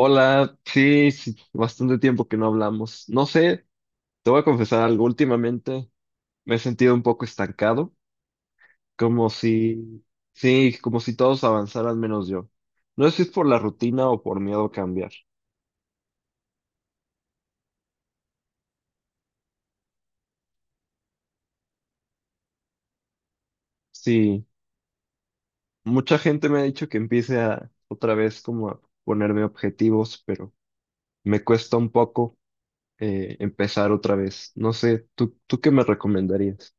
Hola, sí, sí, bastante tiempo que no hablamos. No sé, te voy a confesar algo. Últimamente me he sentido un poco estancado, como si, sí, como si todos avanzaran menos yo. No sé si es por la rutina o por miedo a cambiar. Sí, mucha gente me ha dicho que empiece a otra vez como a ponerme objetivos, pero me cuesta un poco empezar otra vez. No sé, ¿tú qué me recomendarías?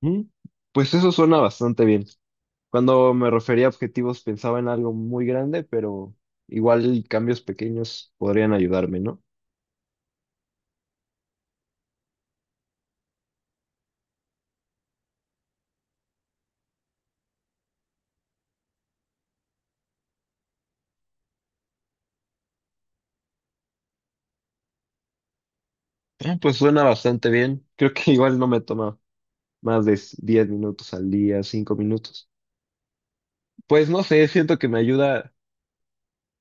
Mm, Pues eso suena bastante bien. Cuando me refería a objetivos, pensaba en algo muy grande, pero igual cambios pequeños podrían ayudarme, ¿no? Ah, pues suena bastante bien. Creo que igual no me toma más de 10 minutos al día, 5 minutos. Pues no sé, siento que me ayuda,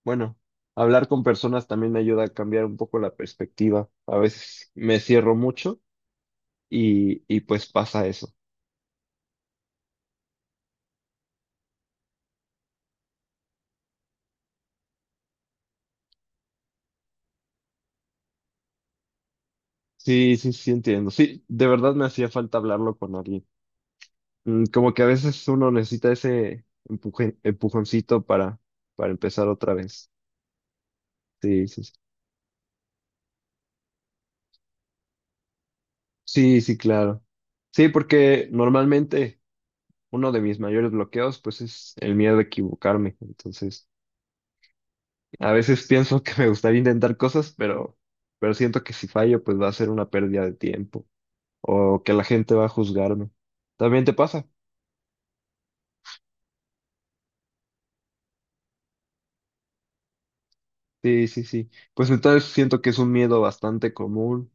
bueno, hablar con personas también me ayuda a cambiar un poco la perspectiva. A veces me cierro mucho y pues pasa eso. Sí, sí, sí, entiendo. Sí, de verdad me hacía falta hablarlo con alguien. Como que a veces uno necesita ese empujoncito para empezar otra vez. Sí, sí, sí. Sí, sí, claro. Sí, porque normalmente uno de mis mayores bloqueos, pues, es el miedo a equivocarme. Entonces, a veces pienso que me gustaría intentar cosas, pero siento que si fallo, pues va a ser una pérdida de tiempo o que la gente va a juzgarme. ¿También te pasa? Sí, sí, sí. Pues entonces siento que es un miedo bastante común.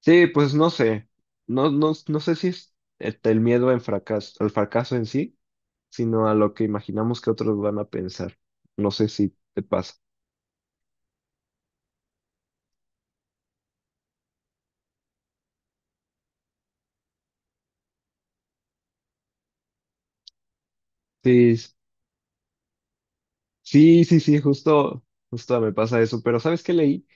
Sí, pues no sé. No, no, no sé si es el miedo en fracaso, al fracaso en sí, sino a lo que imaginamos que otros van a pensar. No sé si te pasa. Sí, sí, sí, sí, justo, justo me pasa eso. Pero ¿sabes qué leí?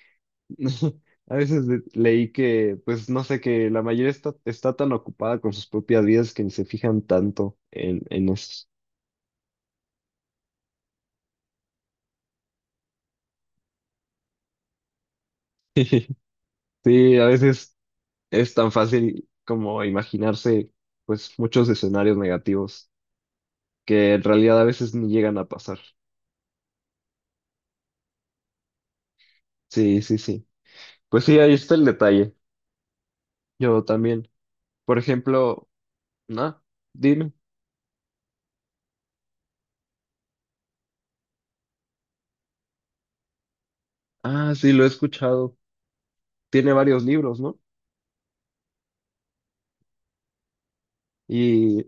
A veces leí que, pues no sé, que la mayoría está tan ocupada con sus propias vidas que ni se fijan tanto en eso. Sí, a veces es tan fácil como imaginarse, pues, muchos escenarios negativos, que en realidad a veces ni llegan a pasar. Sí, sí, sí. Pues sí, ahí está el detalle. Yo también. Por ejemplo, no, dime. Ah, sí, lo he escuchado. Tiene varios libros, ¿no? Y,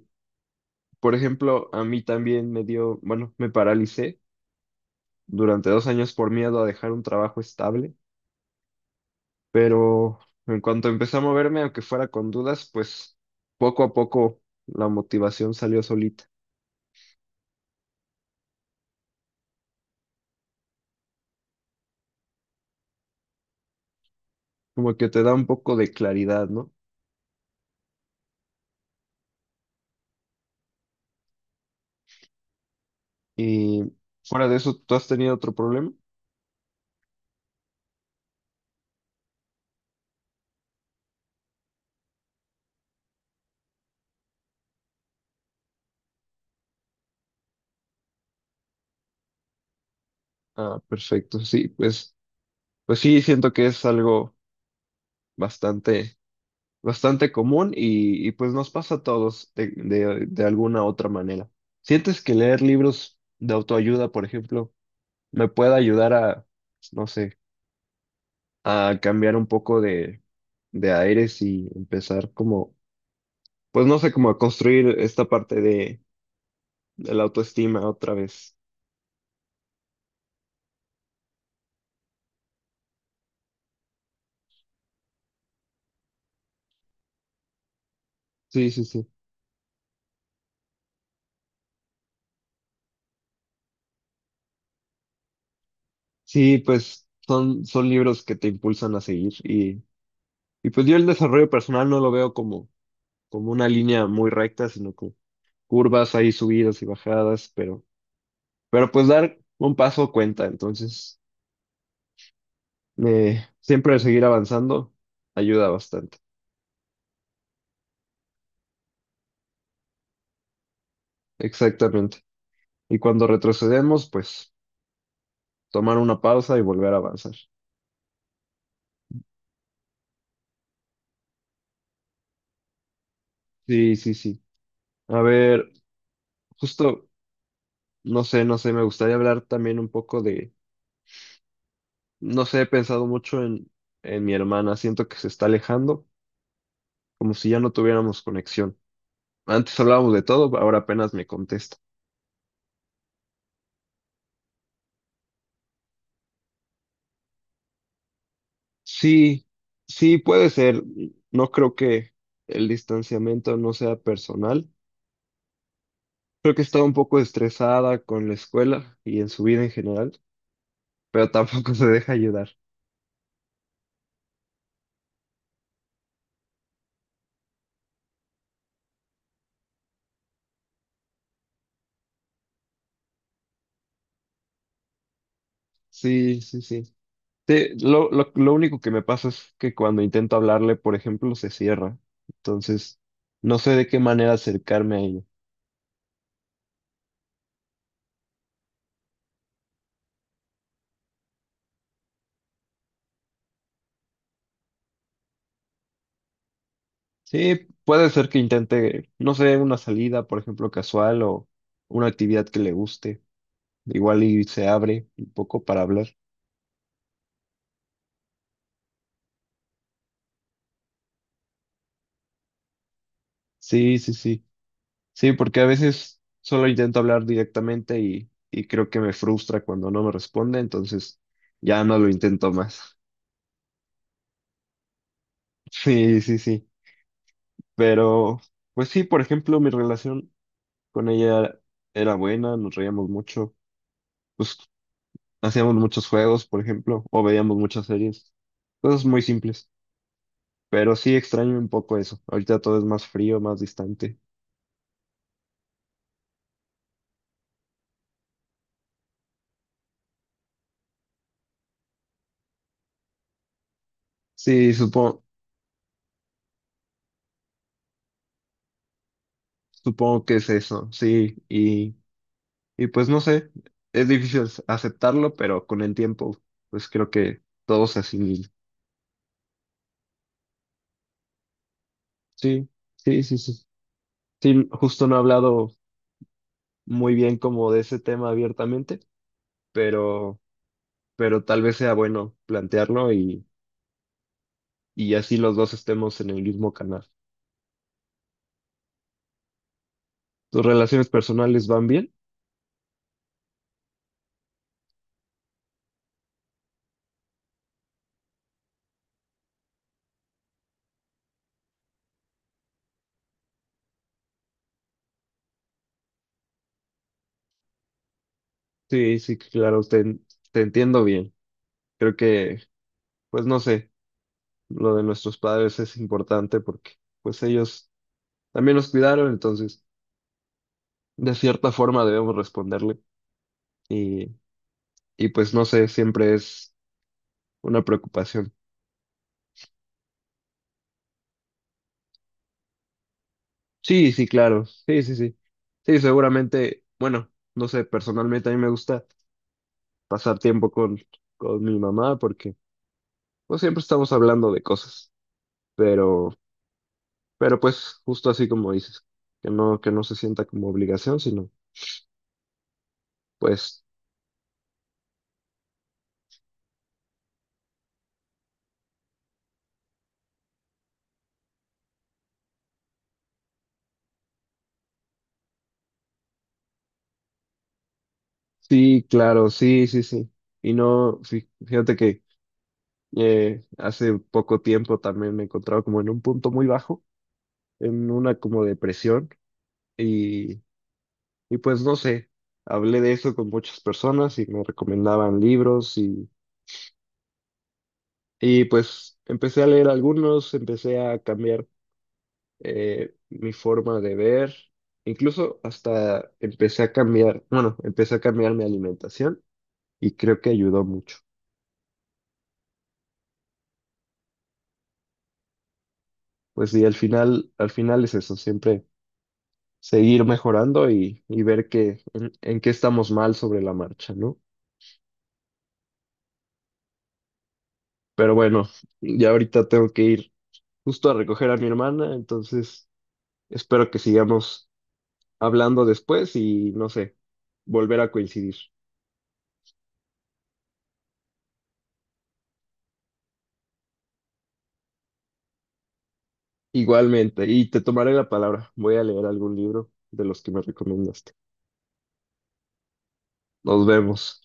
por ejemplo, a mí también me dio, bueno, me paralicé durante 2 años por miedo a dejar un trabajo estable, pero en cuanto empecé a moverme, aunque fuera con dudas, pues poco a poco la motivación salió solita. Como que te da un poco de claridad, ¿no? Y fuera de eso, ¿tú has tenido otro problema? Ah, perfecto. Sí, pues, sí, siento que es algo bastante, bastante común y pues nos pasa a todos de alguna otra manera. ¿Sientes que leer libros de autoayuda, por ejemplo, me puede ayudar a, pues, no sé, a cambiar un poco de, aires y empezar como, pues no sé, como a construir esta parte de, la autoestima otra vez? Sí, sí, sí. Sí, pues son libros que te impulsan a seguir y pues yo el desarrollo personal no lo veo como, una línea muy recta, sino como curvas ahí, subidas y bajadas, pero pues dar un paso cuenta, entonces siempre seguir avanzando ayuda bastante, exactamente. Y cuando retrocedemos, pues tomar una pausa y volver a avanzar. Sí, sí, sí. A ver, justo, no sé, me gustaría hablar también un poco de. No sé, he pensado mucho en mi hermana. Siento que se está alejando, como si ya no tuviéramos conexión. Antes hablábamos de todo, ahora apenas me contesta. Sí, sí, puede ser. No creo que el distanciamiento no sea personal. Creo que estaba un poco estresada con la escuela y en su vida en general, pero tampoco se deja ayudar. Sí, sí, sí. Sí, lo único que me pasa es que cuando intento hablarle, por ejemplo, se cierra. Entonces, no sé de qué manera acercarme a ella. Sí, puede ser que intente, no sé, una salida, por ejemplo, casual o una actividad que le guste. Igual y se abre un poco para hablar. Sí, sí, sí. Sí, porque a veces solo intento hablar directamente y creo que me frustra cuando no me responde, entonces ya no lo intento más. Sí, sí, sí. Pero, pues sí, por ejemplo, mi relación con ella era buena, nos reíamos mucho, pues hacíamos muchos juegos, por ejemplo, o veíamos muchas series, cosas muy simples. Pero sí extraño un poco eso. Ahorita todo es más frío, más distante. Sí, supongo, supongo que es eso, sí. Y pues no sé, es difícil aceptarlo, pero con el tiempo, pues creo que todo se asimila. Sí, sí, sí, sí. Sí, justo no he hablado muy bien como de ese tema abiertamente, pero, pero, tal vez sea bueno plantearlo y así los dos estemos en el mismo canal. ¿Tus relaciones personales van bien? Sí, sí, claro, te entiendo bien. Creo que, pues no sé, lo de nuestros padres es importante porque pues ellos también nos cuidaron, entonces de cierta forma debemos responderle y, y pues no sé, siempre es una preocupación. Sí, sí, claro, sí, sí, sí. Sí, seguramente, bueno, no sé, personalmente a mí me gusta pasar tiempo con, mi mamá porque pues siempre estamos hablando de cosas, pero, pero, pues justo así como dices, que no se sienta como obligación, sino pues. Sí, claro, sí, sí, sí. Y no, sí, fíjate que hace poco tiempo también me encontraba como en un punto muy bajo, en una como depresión, y, y pues no sé, hablé de eso con muchas personas y me recomendaban libros y pues empecé a leer algunos, empecé a cambiar mi forma de ver, incluso hasta empecé a cambiar, bueno, empecé a cambiar mi alimentación y creo que ayudó mucho. Pues sí, al final es eso, siempre seguir mejorando y ver que, en qué estamos mal sobre la marcha, ¿no? Pero bueno, ya ahorita tengo que ir justo a recoger a mi hermana, entonces espero que sigamos hablando después y no sé, volver a coincidir. Igualmente, y te tomaré la palabra, voy a leer algún libro de los que me recomendaste. Nos vemos.